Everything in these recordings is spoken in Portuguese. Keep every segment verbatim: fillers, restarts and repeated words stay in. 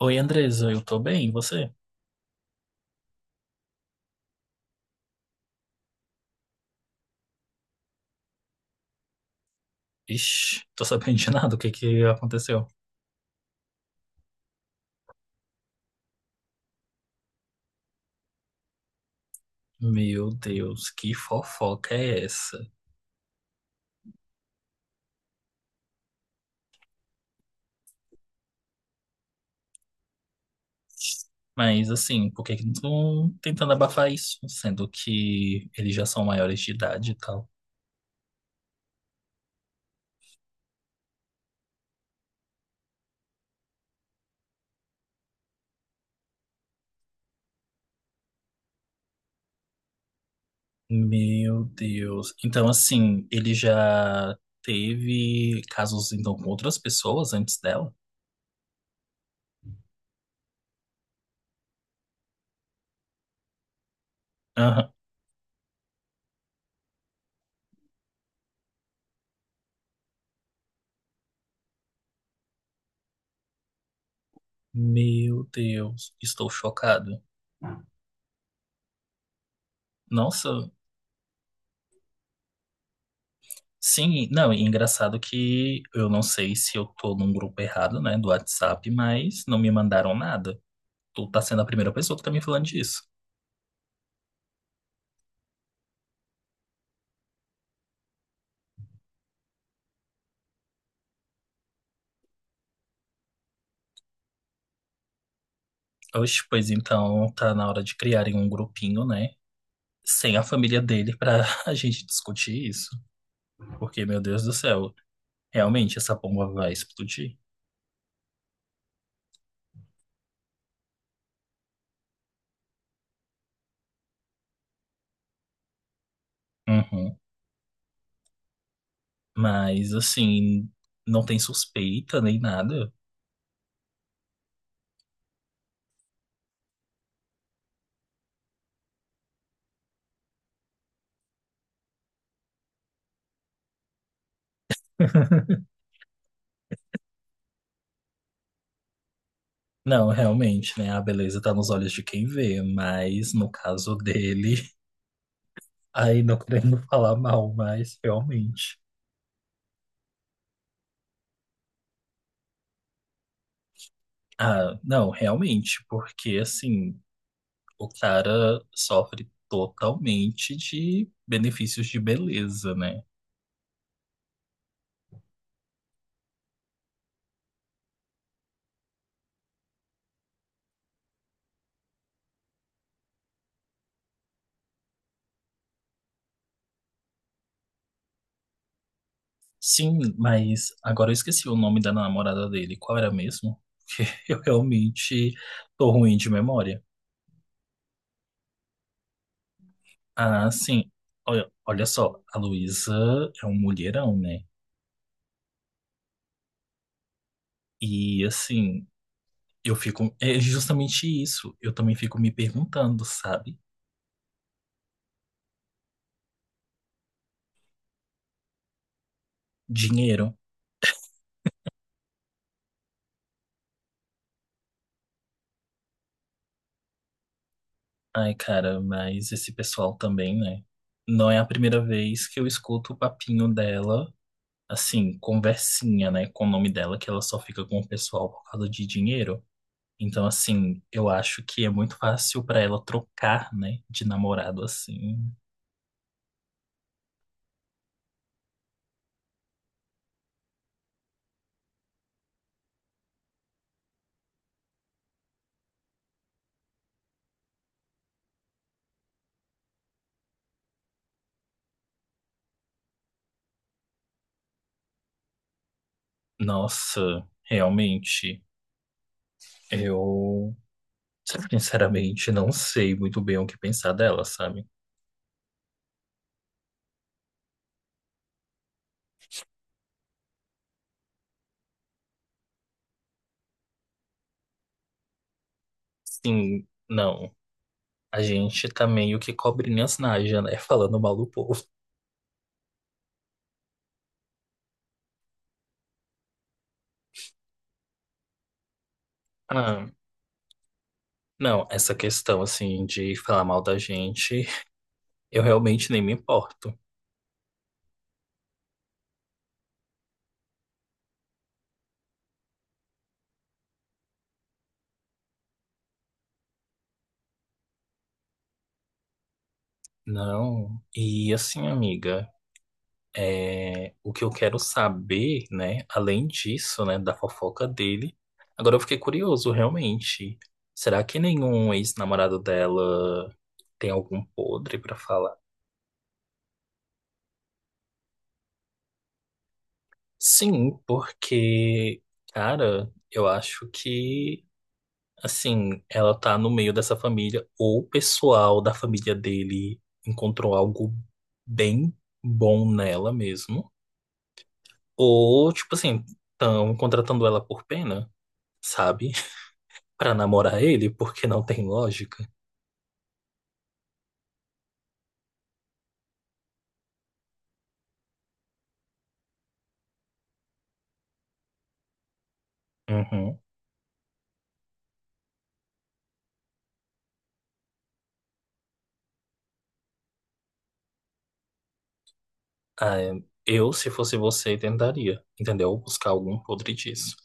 Oi, Andresa, eu tô bem, e você? Ixi, tô sabendo de nada, o que que aconteceu? Meu Deus, que fofoca é essa? Mas assim, por que que não estão tentando abafar isso, sendo que eles já são maiores de idade e tal? Meu Deus. Então, assim, ele já teve casos então com outras pessoas antes dela? Aham. Meu Deus, estou chocado. Nossa, sim, não, e engraçado que eu não sei se eu tô num grupo errado, né, do WhatsApp, mas não me mandaram nada. Tu tá sendo a primeira pessoa que tá me falando disso. Oxe, pois então tá na hora de criarem um grupinho, né, sem a família dele pra a gente discutir isso. Porque, meu Deus do céu, realmente essa bomba vai explodir. Uhum. Mas, assim, não tem suspeita nem nada. Não, realmente, né, a beleza tá nos olhos de quem vê, mas no caso dele. Aí não querendo falar mal, mas realmente. Ah, não, realmente, porque assim, o cara sofre totalmente de benefícios de beleza, né? Sim, mas agora eu esqueci o nome da namorada dele. Qual era mesmo? Eu realmente tô ruim de memória. Ah, sim. Olha, olha só, a Luísa é um mulherão, né? E assim, eu fico. É justamente isso. Eu também fico me perguntando, sabe? Dinheiro. Ai, cara, mas esse pessoal também, né? Não é a primeira vez que eu escuto o papinho dela, assim, conversinha, né, com o nome dela, que ela só fica com o pessoal por causa de dinheiro. Então, assim, eu acho que é muito fácil pra ela trocar, né, de namorado assim. Nossa, realmente, eu sinceramente não sei muito bem o que pensar dela, sabe? Sim, não. A gente tá meio que cobrinha nas naja, né? Falando mal do povo. Ah, não, essa questão assim de falar mal da gente, eu realmente nem me importo. Não. E assim, amiga, é, o que eu quero saber, né, além disso, né, da fofoca dele, agora eu fiquei curioso, realmente. Será que nenhum ex-namorado dela tem algum podre pra falar? Sim, porque, cara, eu acho que assim, ela tá no meio dessa família, ou o pessoal da família dele encontrou algo bem bom nela mesmo, ou, tipo assim, estão contratando ela por pena, sabe? Pra namorar ele, porque não tem lógica. Uhum. Ah, é. Eu, se fosse você, tentaria, entendeu? Buscar algum podre disso.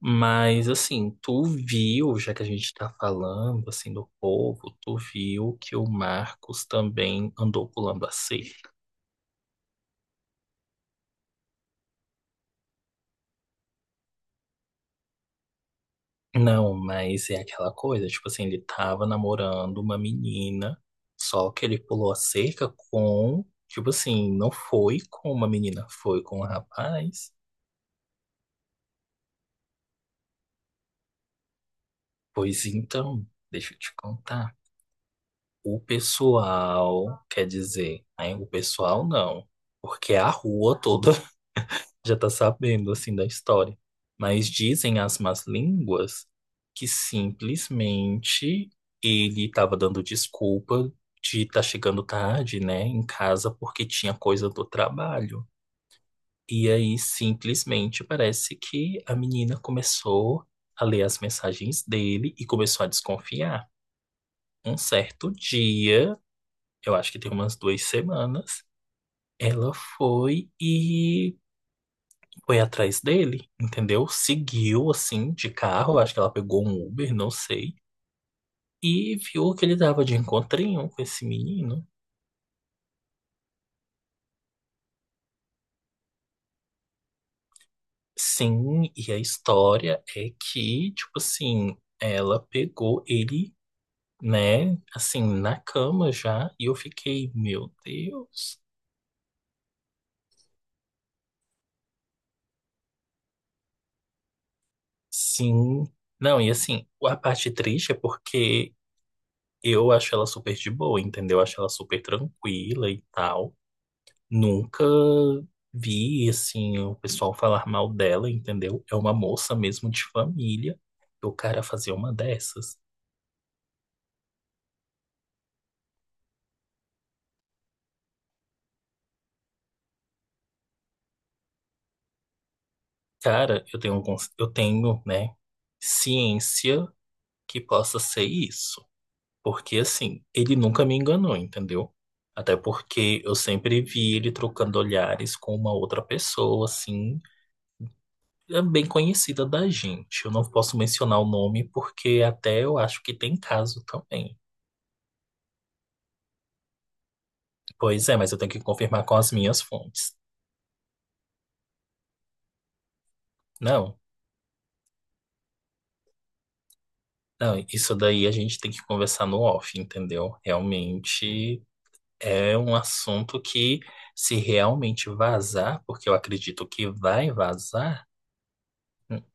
Mas, assim, tu viu, já que a gente tá falando, assim, do povo, tu viu que o Marcos também andou pulando a cerca. Não, mas é aquela coisa, tipo assim, ele tava namorando uma menina, só que ele pulou a cerca com, tipo assim, não foi com uma menina, foi com um rapaz. Pois então, deixa eu te contar. O pessoal, quer dizer, né, o pessoal não, porque a rua toda já está sabendo assim da história. Mas dizem as más línguas que simplesmente ele estava dando desculpa de estar chegando tarde, né, em casa porque tinha coisa do trabalho. E aí simplesmente parece que a menina começou a ler as mensagens dele e começou a desconfiar. Um certo dia, eu acho que tem umas duas semanas, ela foi e foi atrás dele, entendeu? Seguiu assim de carro, acho que ela pegou um Uber, não sei, e viu que ele dava de encontrinho com esse menino. Sim, e a história é que, tipo assim, ela pegou ele, né, assim, na cama já, e eu fiquei, meu Deus. Sim. Não, e assim, a parte triste é porque eu acho ela super de boa, entendeu? Eu acho ela super tranquila e tal. Nunca vi, assim, o pessoal falar mal dela, entendeu? É uma moça mesmo de família. E o cara fazer uma dessas. Cara, eu tenho alguns, eu tenho, né, ciência que possa ser isso. Porque, assim, ele nunca me enganou, entendeu? Até porque eu sempre vi ele trocando olhares com uma outra pessoa, assim, é bem conhecida da gente. Eu não posso mencionar o nome porque até eu acho que tem caso também. Pois é, mas eu tenho que confirmar com as minhas fontes. Não, não, isso daí a gente tem que conversar no off, entendeu? Realmente é um assunto que, se realmente vazar, porque eu acredito que vai vazar,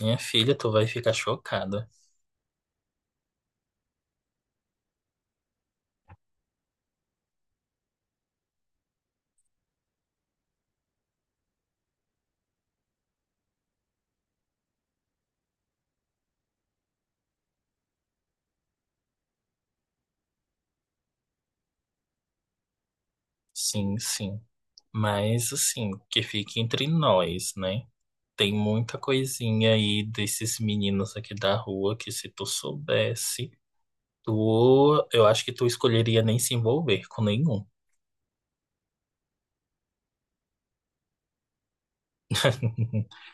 minha filha, tu vai ficar chocada. Sim, sim. Mas, assim, que fique entre nós, né? Tem muita coisinha aí desses meninos aqui da rua que, se tu soubesse, tu, eu acho que tu escolheria nem se envolver com nenhum.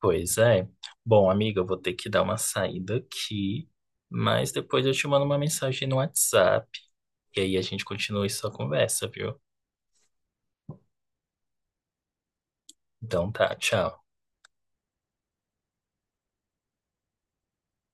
Pois é. Bom, amiga, eu vou ter que dar uma saída aqui, mas depois eu te mando uma mensagem no WhatsApp e aí a gente continua essa conversa, viu? Então tá, tchau.